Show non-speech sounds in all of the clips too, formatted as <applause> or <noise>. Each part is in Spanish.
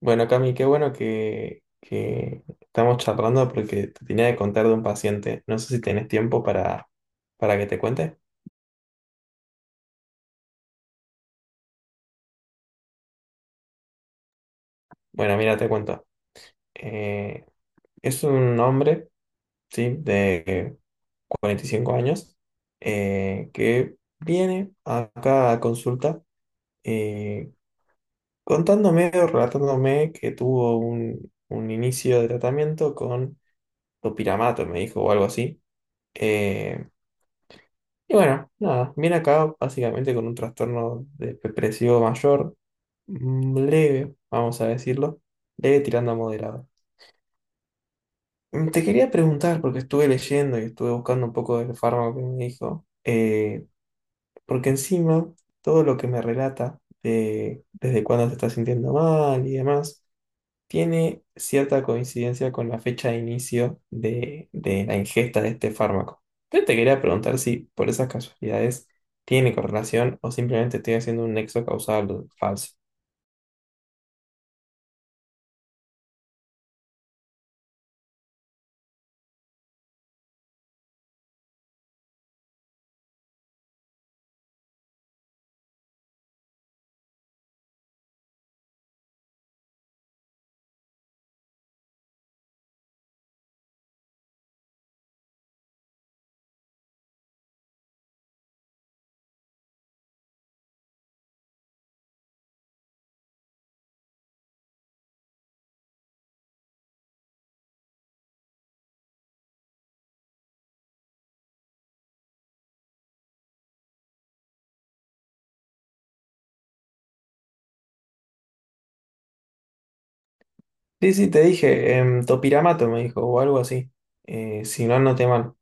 Bueno, Cami, qué bueno que estamos charlando porque te tenía que contar de un paciente. No sé si tenés tiempo para que te cuente. Bueno, mira, te cuento. Eh, es un hombre, ¿sí? De 45 años, que viene acá a consulta, eh, contándome o relatándome que tuvo un inicio de tratamiento con topiramato, me dijo, o algo así. Eh, Y bueno, nada, viene acá básicamente con un trastorno depresivo mayor, mm, leve, vamos a decirlo, leve tirando a moderado. Mm, te quería preguntar, porque estuve leyendo y estuve buscando un poco del fármaco que me dijo, porque encima todo lo que me relata de desde cuándo se está sintiendo mal y demás tiene cierta coincidencia con la fecha de inicio de la ingesta de este fármaco. Yo te quería preguntar si por esas casualidades tiene correlación o simplemente estoy haciendo un nexo causal falso. Sí, sí, te dije, topiramato me dijo, o algo así. Si no, no te mal.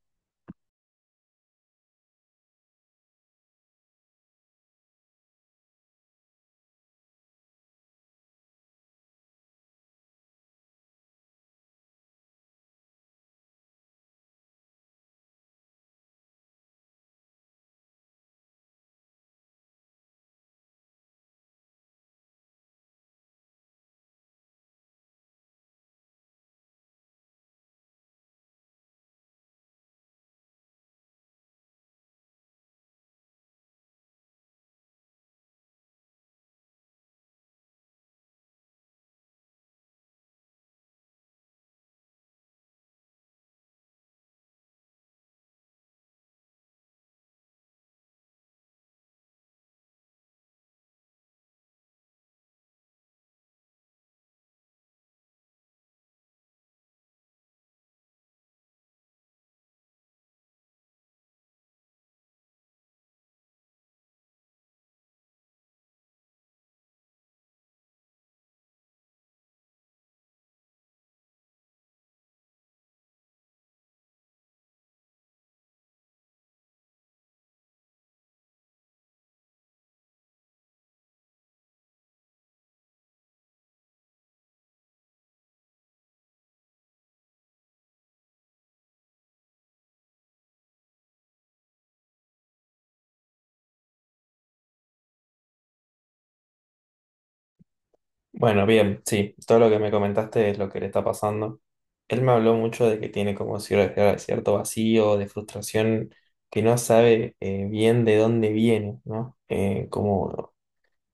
Bueno, bien, sí, todo lo que me comentaste es lo que le está pasando. Él me habló mucho de que tiene como cierto vacío, de frustración, que no sabe, bien de dónde viene, ¿no? Como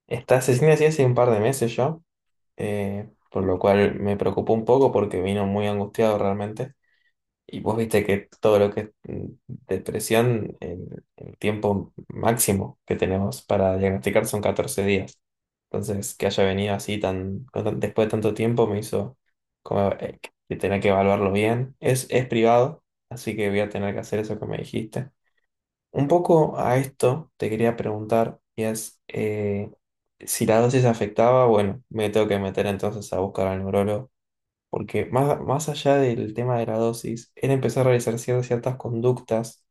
está asesina así hace un par de meses ya, por lo cual me preocupó un poco porque vino muy angustiado realmente. Y vos viste que todo lo que es mm, depresión, el tiempo máximo que tenemos para diagnosticar son 14 días. Entonces, que haya venido así tan, después de tanto tiempo me hizo como que tener que evaluarlo bien. Es privado, así que voy a tener que hacer eso que me dijiste. Un poco a esto te quería preguntar, y es, si la dosis afectaba, bueno, me tengo que meter entonces a buscar al neurólogo, porque más allá del tema de la dosis, él empezó a realizar ciertas conductas,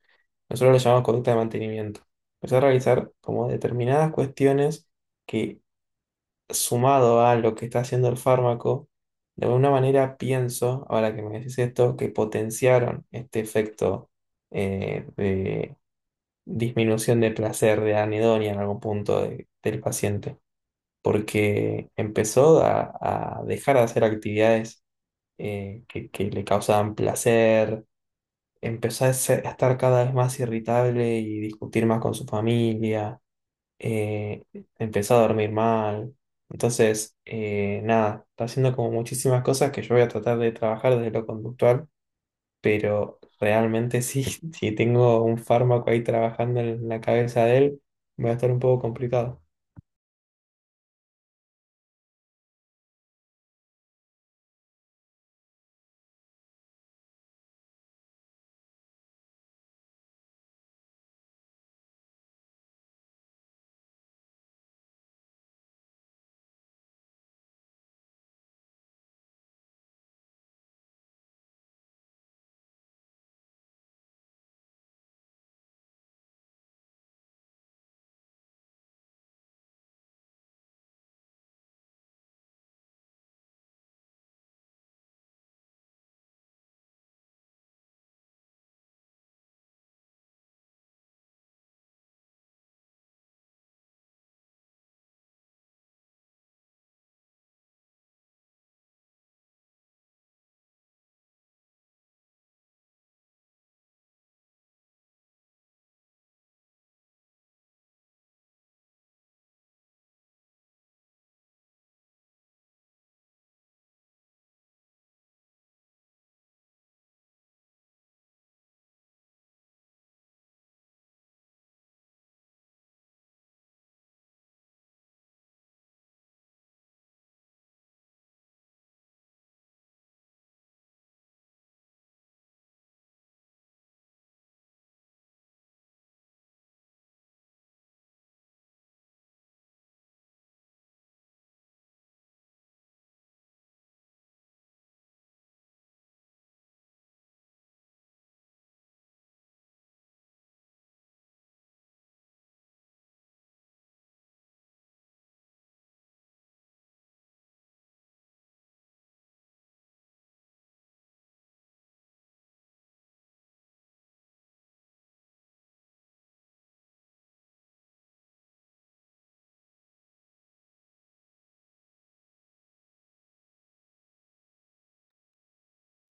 nosotros lo llamamos conducta de mantenimiento, empezó a realizar como determinadas cuestiones que sumado a lo que está haciendo el fármaco, de alguna manera pienso, ahora que me decís esto, que potenciaron este efecto, eh, disminución de placer, de anedonia en algún punto del paciente, porque empezó a dejar de hacer actividades, que le causaban placer, empezó a estar cada vez más irritable y discutir más con su familia, eh, empezó a dormir mal. Entonces, nada, está haciendo como muchísimas cosas que yo voy a tratar de trabajar desde lo conductual, pero realmente sí, <laughs> si tengo un fármaco ahí trabajando en la cabeza de él, va a estar un poco complicado.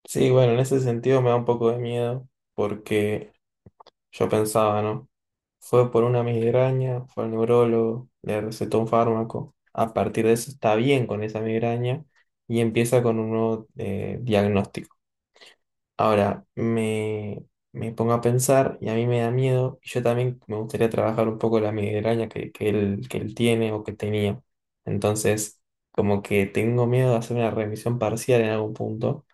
Sí, bueno, en ese sentido me da un poco de miedo porque yo pensaba, ¿no? Fue por una migraña, fue al neurólogo, le recetó un fármaco, a partir de eso está bien con esa migraña y empieza con un nuevo, diagnóstico. Ahora me pongo a pensar y a mí me da miedo y yo también me gustaría trabajar un poco la migraña que él tiene o que tenía. Entonces, como que tengo miedo de hacer una revisión parcial en algún punto,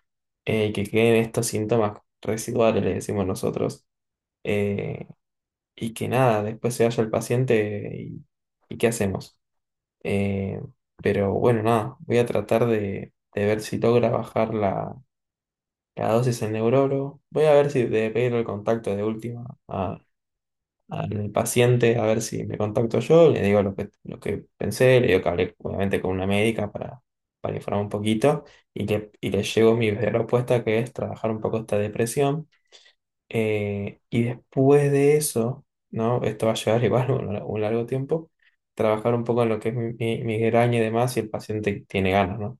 y que queden estos síntomas residuales, le decimos nosotros, eh, y que nada, después se vaya el paciente y ¿qué hacemos? Eh, pero bueno, nada, voy a tratar de ver si logra bajar cada dosis en neuroro. Voy a ver si de pedir el contacto de última al paciente, a ver si me contacto yo, le digo lo que pensé, le digo que hablé obviamente con una médica para informar un poquito y y le llevo mi propuesta que es trabajar un poco esta depresión. Eh, y después de eso, ¿no? Esto va a llevar <laughs> igual un largo tiempo, trabajar un poco en lo que es mi migraña y demás si el paciente tiene ganas, ¿no?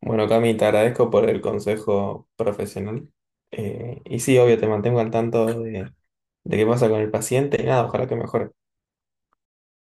Bueno, Cami, te agradezco por el consejo profesional. Y sí, obvio, te mantengo al tanto de qué pasa con el paciente y nada, ojalá que mejore.